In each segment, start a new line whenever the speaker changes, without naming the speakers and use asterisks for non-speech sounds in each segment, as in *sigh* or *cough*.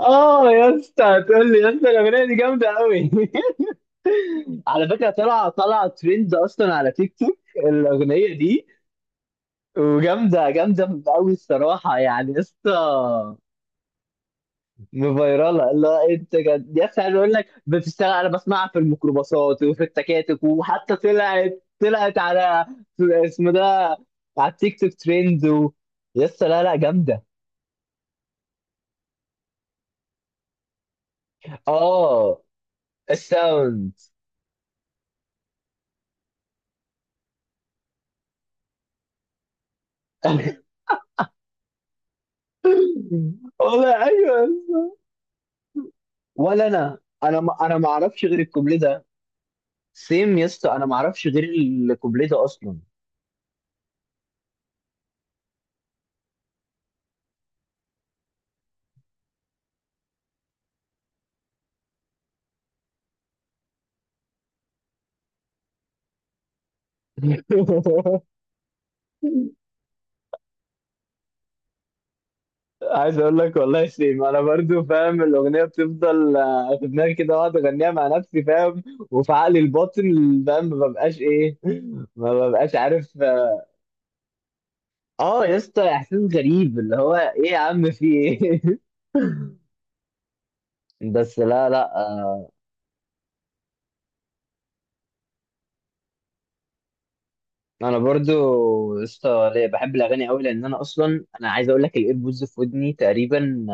اه يا اسطى، هتقول لي يا اسطى الاغنيه دي جامده قوي. *laughs* على فكره، طلع ترند اصلا على تيك توك الاغنيه دي. وجامده جامده قوي الصراحه، يعني يا اسطى مفيراله. لا انت جد يا اسطى، عايز اقول لك بتشتغل، انا بسمعها في الميكروباصات وفي التكاتك، وحتى طلعت على اسمه ده، على التيك توك ترند و... يا اسطى لا لا، جامده. اه، الساوند. *laughs* *laughs* والله ايوه يا اسطى. ولا انا ما اعرفش غير الكوبليه ده. سيم يا اسطى، انا ما اعرفش غير الكوبليه ده اصلا. *laughs* عايز اقول لك والله سيم، انا برضو فاهم الاغنيه بتفضل في دماغي كده، واقعد اغنيها مع نفسي، فاهم؟ وفي عقلي الباطن فاهم ما ببقاش عارف، اه. آه يا اسطى، احساس غريب، اللي هو ايه يا عم، في ايه؟ *laughs* بس لا لا، آه، انا برضو لسه بحب الاغاني قوي، لان انا اصلا عايز اقول لك الايربودز في ودني تقريبا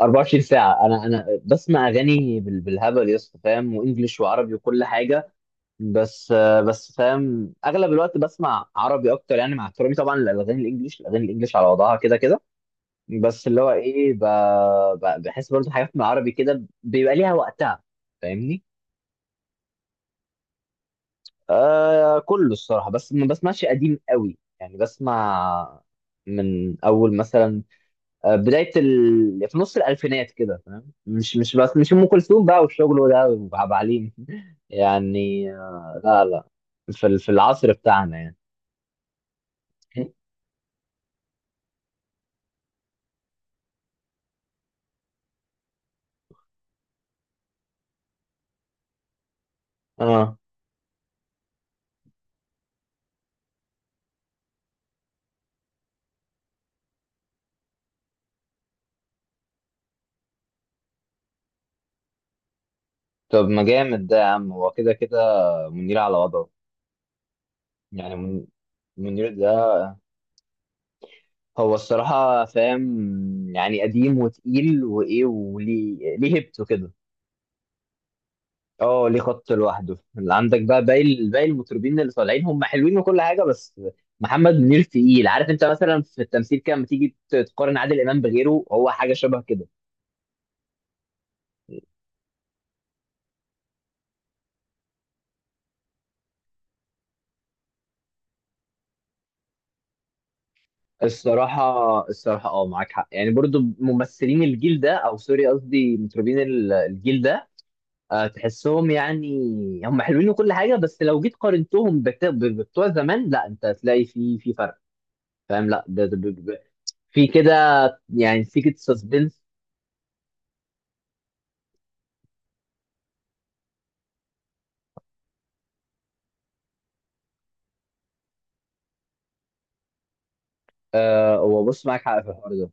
24 ساعه. انا بسمع اغاني بالهبل يا اسطى، فاهم؟ وانجليش وعربي وكل حاجه. بس فاهم اغلب الوقت بسمع عربي اكتر، يعني مع احترامي طبعا للاغاني الانجليش، الاغاني الانجليش على وضعها كده كده. بس اللي هو ايه، بحس برضو حاجات من العربي كده بيبقى ليها وقتها، فاهمني؟ آه كله الصراحة، بس ما بسمعش قديم قوي، يعني بسمع من أول مثلا بداية في نص الألفينات كده، فاهم؟ مش مش بس مش أم كلثوم بقى والشغل ده وعبد الحليم. *laughs* يعني آه، لا لا. في في العصر بتاعنا يعني. اه، طب ما جامد ده يا عم، هو كده كده، منير على وضعه. يعني منير ده، هو الصراحة فاهم يعني قديم وتقيل وإيه، وليه هيبته كده. اه، ليه خط لوحده. اللي عندك بقى، باقي المطربين اللي طالعين هم حلوين وكل حاجه، بس محمد منير تقيل. عارف انت مثلا في التمثيل كده، لما تيجي تقارن عادل امام بغيره، هو حاجه شبه كده. الصراحه اه، معاك حق. يعني برضو ممثلين الجيل ده، او سوري قصدي مطربين الجيل ده، تحسهم يعني هم حلوين وكل حاجه، بس لو جيت قارنتهم بتوع زمان، لا انت هتلاقي في فرق، فاهم؟ لا في كده، يعني سيكت سسبنس. هو بص، معاك حق في الحوار ده،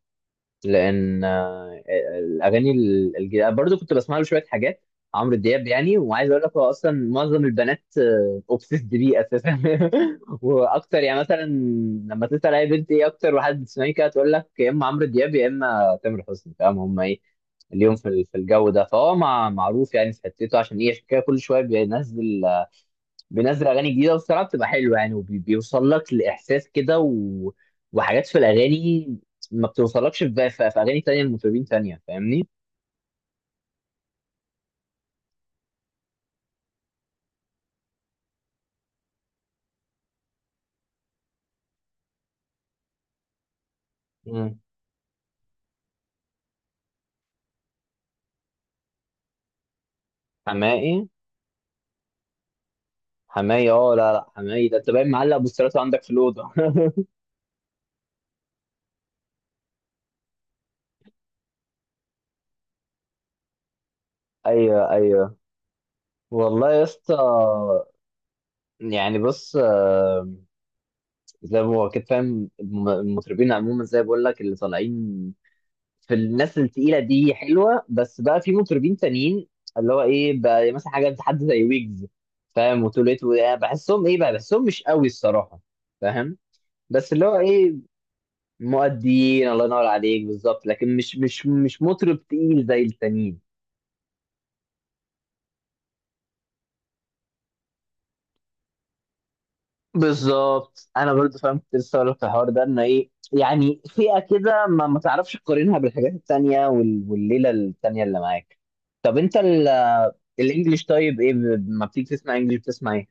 لان الاغاني الجديده، أنا برضو كنت بسمع له شويه حاجات، عمرو دياب يعني. وعايز اقول لك هو اصلا معظم البنات اوبسيسد بيه اساسا. *laughs* واكتر يعني مثلا، لما تسال اي بنت ايه اكتر واحد بتسمعيه، كده تقول لك يا اما عمرو دياب يا اما تامر حسني، فاهم هم ايه اليوم في في الجو ده. فهو معروف يعني في حتته. عشان ايه؟ عشان كده كل شويه بينزل اغاني جديده، والصراحه بتبقى حلوه يعني، وبيوصل لك لاحساس كده و... وحاجات في الاغاني ما بتوصلكش في اغاني تانية لمطربين تانية، فاهمني؟ مم. حماقي. حماقي اه، لا لا، حماقي ده انت باين معلق بوسترات عندك في الاوضه. *laughs* ايوه ايوه، والله يا اسطى. يعني بص، زي ما هو كده، فاهم؟ المطربين عموما زي بقول لك اللي طالعين، في الناس التقيله دي حلوه، بس بقى في مطربين تانيين اللي هو ايه بقى، مثلا حاجه حد زي ويجز، فاهم؟ وتوليت. بحسهم ايه بقى؟ بحسهم مش قوي الصراحه، فاهم؟ بس اللي هو ايه، مؤديين. الله ينور عليك، بالظبط، لكن مش مطرب تقيل زي التانيين. بالظبط، انا برضو فاهم، كنت لسه هقول لك في الحوار ده، ان ايه يعني، فئه كده ما تعرفش تقارنها بالحاجات التانيه والليله التانيه اللي معاك. طب انت الانجليش طيب، ايه ما بتيجي تسمع انجليش بتسمع ايه؟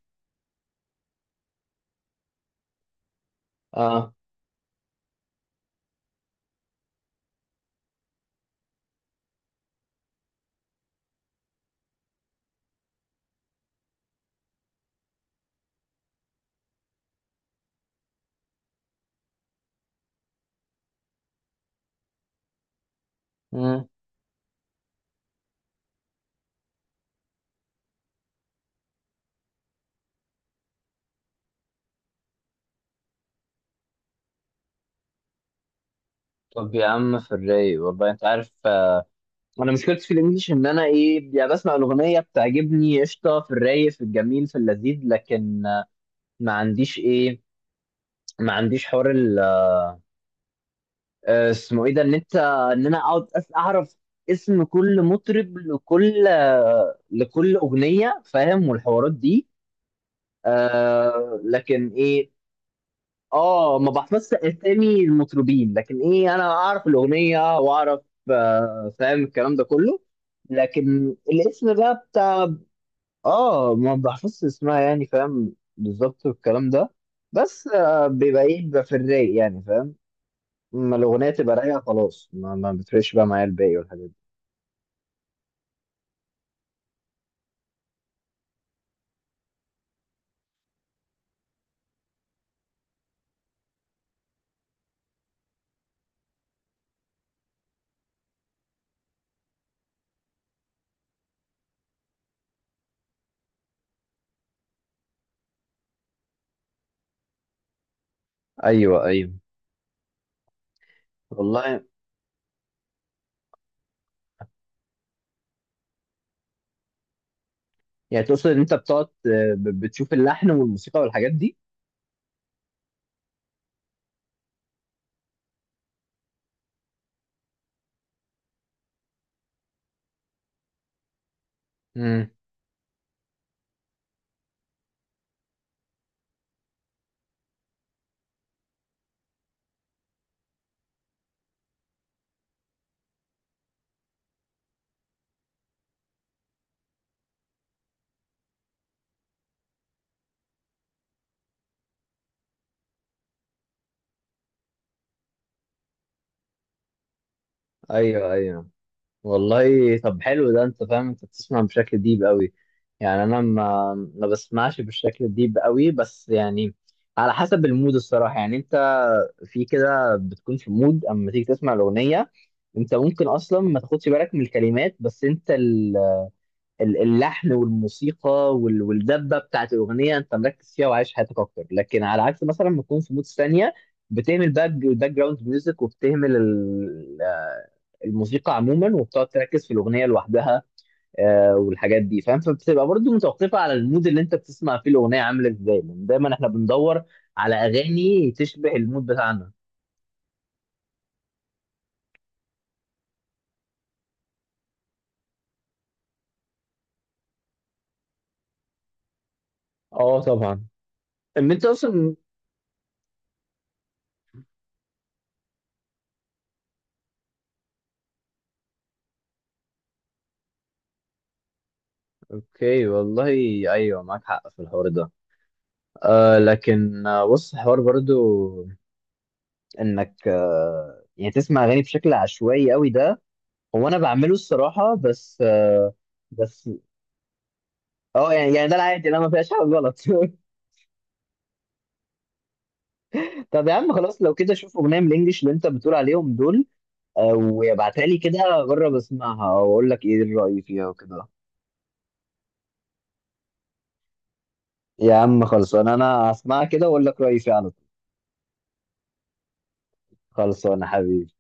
اه. مم. طب يا عم، في الرايق، والله انت عارف، انا مشكلتي في الانجليش، ان انا ايه يعني، بسمع الاغنيه بتعجبني، قشطه في الرايق في الجميل في اللذيذ، لكن ما عنديش ايه، ما عنديش حوار اسمه ايه ده، ان انت، ان انا اقعد اعرف اسم كل مطرب، لكل لكل اغنيه، فاهم؟ والحوارات دي. آه لكن ايه، اه ما بحفظش اسامي المطربين، لكن ايه، انا اعرف الاغنيه واعرف فاهم الكلام ده كله، لكن الاسم بقى بتاع، اه ما بحفظش اسمها، يعني فاهم بالظبط الكلام ده، بس بيبقى في الرايق، يعني فاهم؟ اما الاغنيه تبقى رايقه، خلاص ما بتفرقش بقى معايا الباقي والحاجات دي. ايوه ايوه، والله. يعني تقصد ان انت بتقعد بتشوف اللحن والموسيقى والحاجات دي؟ امم ايوه ايوه، والله طب حلو ده، انت فاهم، انت بتسمع بشكل ديب قوي. يعني انا ما بسمعش بالشكل الديب قوي بس يعني على حسب المود الصراحة، يعني انت في كده بتكون في مود اما تيجي تسمع الأغنية، انت ممكن اصلا ما تاخدش بالك من الكلمات، بس انت اللحن والموسيقى والدبه بتاعت الاغنيه انت مركز فيها وعايش حياتك اكتر، لكن على عكس مثلا ما تكون في مود ثانيه، بتهمل الباك جراوند ميوزك، وبتهمل الموسيقى عموما، وبتقعد تركز في الاغنيه لوحدها، والحاجات دي، فاهم؟ فبتبقى برضو متوقفه على المود اللي انت بتسمع فيه الاغنيه، عامله ازاي، لان دايما احنا بندور على اغاني تشبه المود بتاعنا. اه طبعا. ان انت اصلا، اوكي والله. ايوه معاك حق في الحوار ده، آه لكن بص، حوار برضو انك يعني تسمع اغاني بشكل عشوائي قوي، ده هو انا بعمله الصراحه، بس بس اه يعني ده العادي، انا ما فيهاش حاجه غلط. *laughs* طب يا عم خلاص، لو كده شوف اغنيه من الانجليش اللي انت بتقول عليهم دول، آه وابعتها لي كده، اجرب اسمعها واقول لك ايه الراي فيها وكده. يا عم خلصان، انا هسمعها كده واقول لك رايي فيها على طول. خلصان يا حبيبي.